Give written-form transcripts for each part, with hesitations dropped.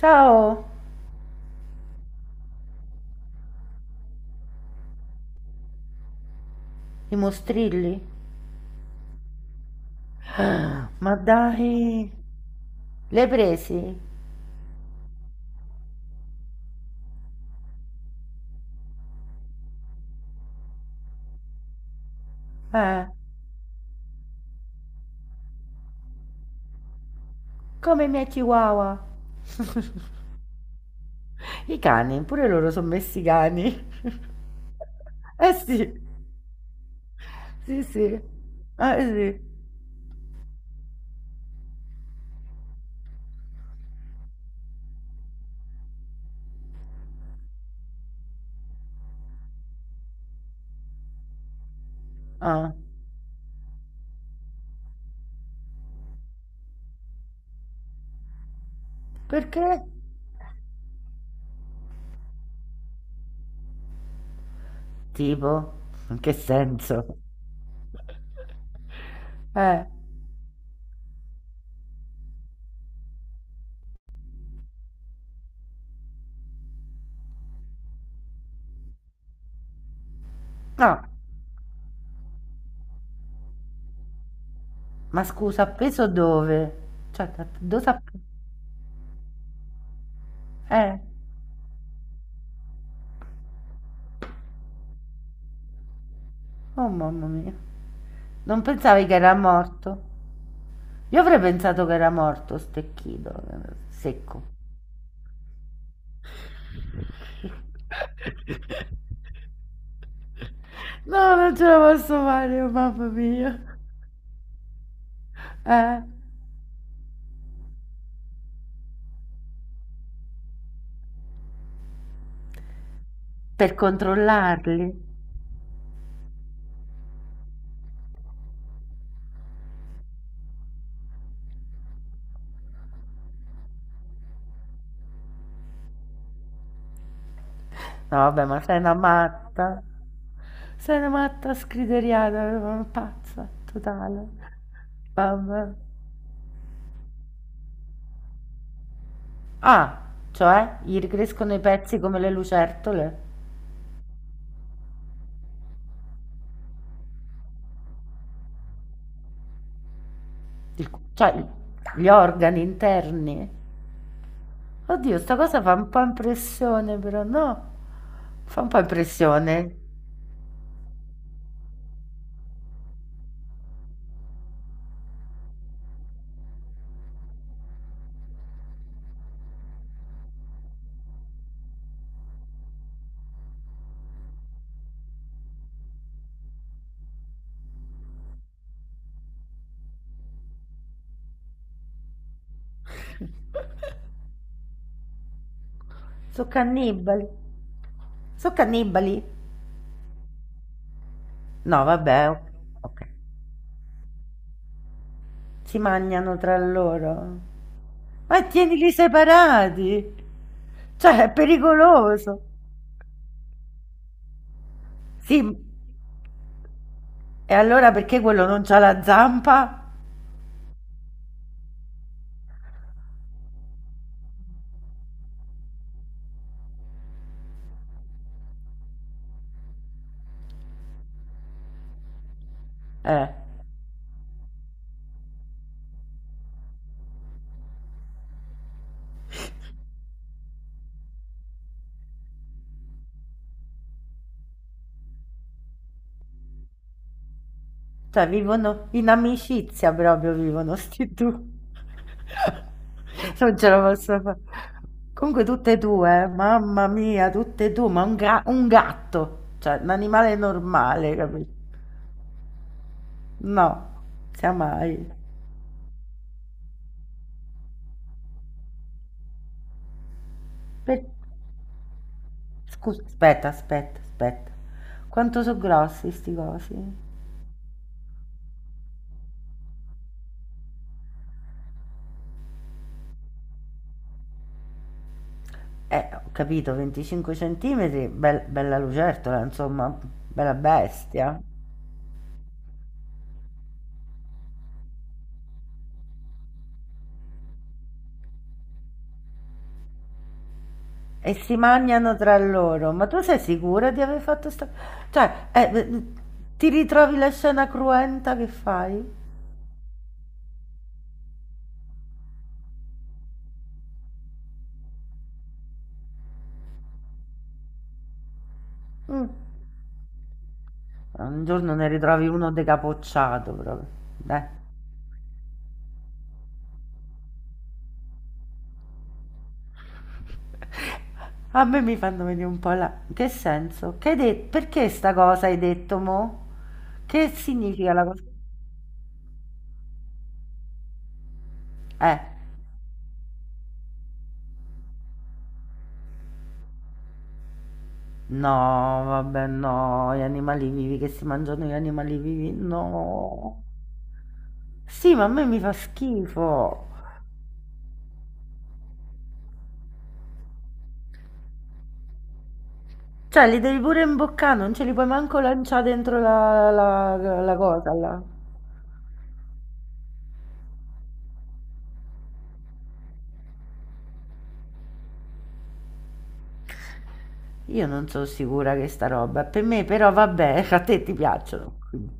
Ciao, i mostrilli? Ma dai, l'hai presi? Eh, Come i miei chihuahua. I cani, pure loro sono messi cani. Eh sì, sì sì, eh sì. Ah, perché? Tipo, in che senso? Eh, no, Ma scusa, appeso dove? Cioè, dove s'ha... Eh, oh mamma mia, non pensavi che era morto? Io avrei pensato che era morto, stecchito, secco. No, non ce la posso fare, oh, mamma mia. Eh? Per controllarli. No, vabbè, ma sei una matta. Sei una matta scriteriata, una pazza totale. Vabbè. Ah, cioè, gli ricrescono i pezzi come le lucertole? Cioè, gli organi interni? Oddio, sta cosa fa un po' impressione, però no? Fa un po' impressione. So cannibali. So cannibali? No, vabbè, o- Ok. Si mangiano tra loro. Ma tienili separati. Cioè, è pericoloso. Sì, e allora perché quello non c'ha la zampa? Eh, cioè vivono in amicizia proprio, vivono sti due. Non ce la posso fare. Comunque tutte e due, mamma mia, tutte e due, ma un gatto, cioè un animale normale, capito? No, sia mai. Per- Scusa, aspetta. Quanto sono grossi sti cosi? Ho capito, 25 centimetri, bella lucertola, insomma, bella bestia. E si mangiano tra loro. Ma tu sei sicura di aver fatto sta... Cioè, ti ritrovi la scena cruenta che fai? Mm. Un giorno ne ritrovi uno decapocciato proprio. Dai. A me mi fanno venire un po' la in che senso? Che hai detto? Perché sta cosa hai detto mo? Che significa la cosa? Eh, no, no, gli animali vivi che si mangiano gli animali vivi, no. Sì, ma a me mi fa schifo. Cioè, li devi pure imboccare, non ce li puoi manco lanciare dentro la cosa là. Io non sono sicura che sta roba, è per me però vabbè, a te ti piacciono. Quindi.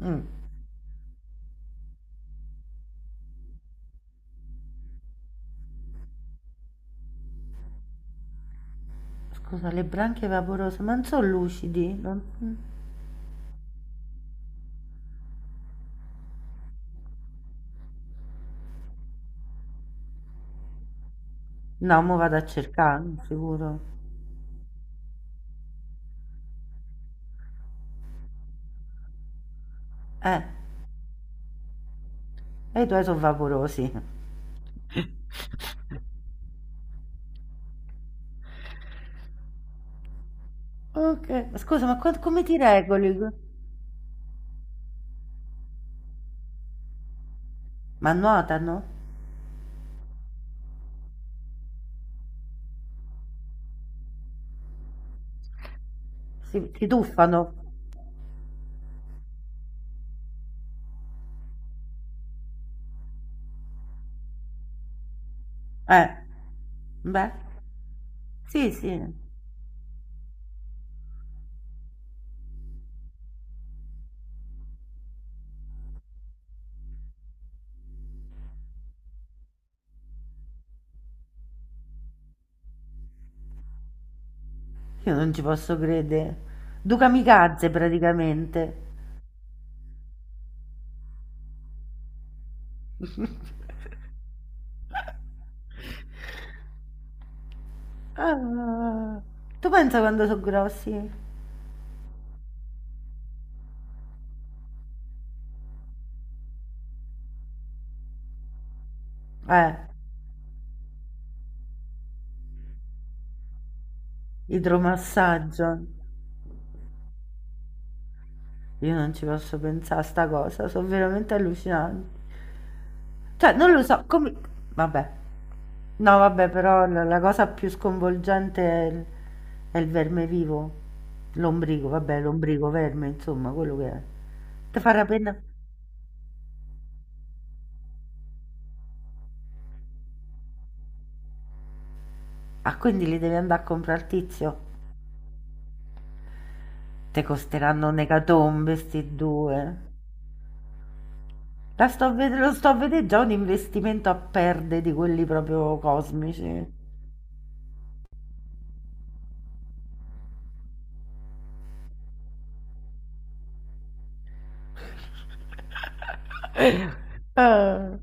Mm. Scusa, le branchie vaporose, ma non sono lucidi? Non- No, mo vado a cercare, sicuro. Eh, e i tuoi sono vaporosi. Ok, ma scusa, come ti regoli? Ma nuotano? Si tuffano? Eh, beh, sì, sì, io non ci posso credere. Due kamikaze praticamente. Ah, tu pensa quando sono grossi? Eh, idromassaggio. Io non ci posso pensare a sta cosa, sono veramente allucinante. Cioè, non lo so, come... Vabbè. No, vabbè, però la cosa più sconvolgente è è il verme vivo. L'ombrico, vabbè, l'ombrico, verme, insomma, quello che è. Ti fa la pena... Ah, quindi li devi andare a comprare al tizio? Te costeranno un'ecatombe, sti due. La sto a ved- Lo sto a vedere già un investimento a perde di quelli proprio cosmici. Eh,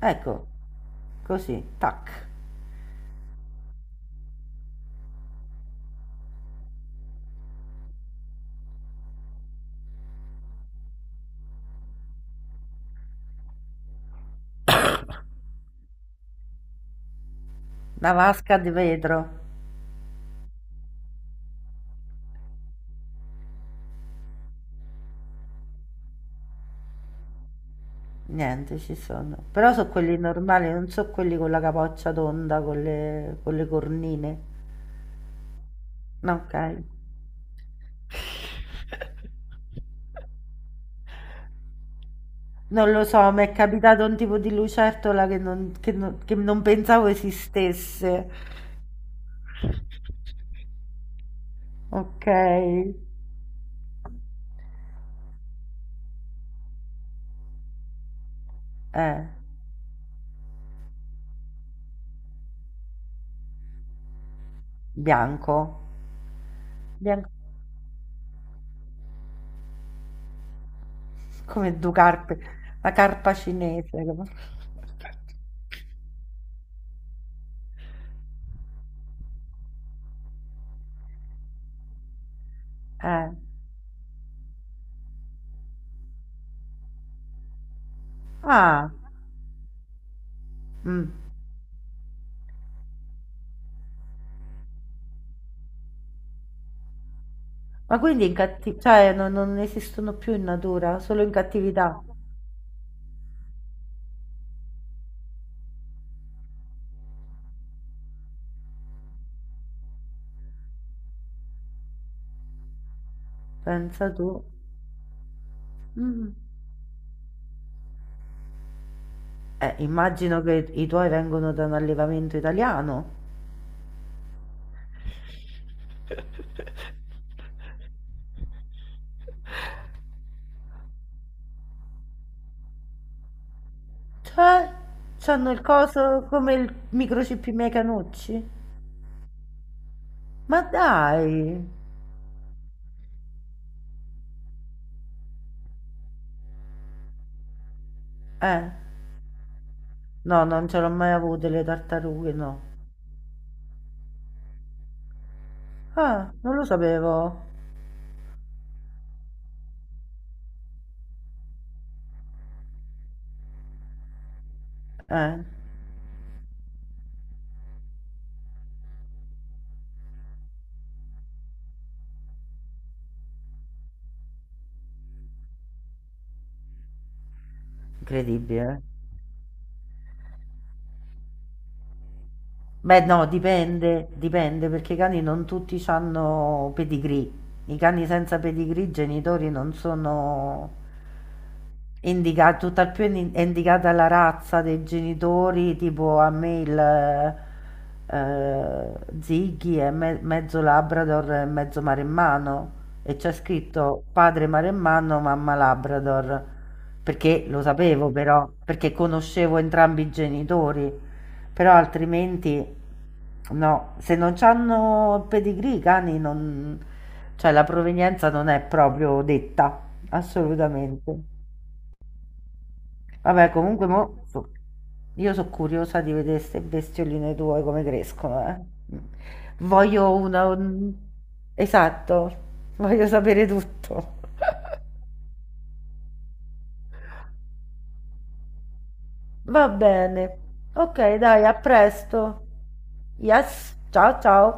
ecco, così, tac. Una vasca di vetro. Niente, ci sono. Però sono quelli normali, non so quelli con la capoccia tonda, con con le cornine. No, ok. Non lo so, mi è capitato un tipo di lucertola che non pensavo esistesse. Ok. Eh, bianco. Bianco come due carpe. La carpa cinese. Come- Eh. Ah. Mm. Ma quindi in cattività, cioè non esistono più in natura, solo in cattività. Pensa tu. Mm. Immagino che i tuoi vengono da un allevamento italiano. Cioè, c'hanno il coso come il microchip i miei canucci? Ma dai! Eh, no, non ce l'ho mai avuto le tartarughe, no. Ah, non lo sapevo. Eh, incredibile. Eh. Beh, no, dipende, perché i cani non tutti hanno pedigree. I cani senza pedigree, i genitori non sono indica, tutt'al più è indicata la razza dei genitori, tipo a me il eh, Ziggy è mezzo Labrador e mezzo maremmano e c'è scritto padre maremmano, mamma Labrador, perché lo sapevo però, perché conoscevo entrambi i genitori, però altrimenti no, se non hanno il pedigree i cani non... cioè la provenienza non è proprio detta, assolutamente. Vabbè, io sono curiosa di vedere queste bestioline tue come crescono, eh. Voglio una... un- Esatto, voglio sapere tutto. Va bene. Ok, dai, a presto. Yes, ciao ciao.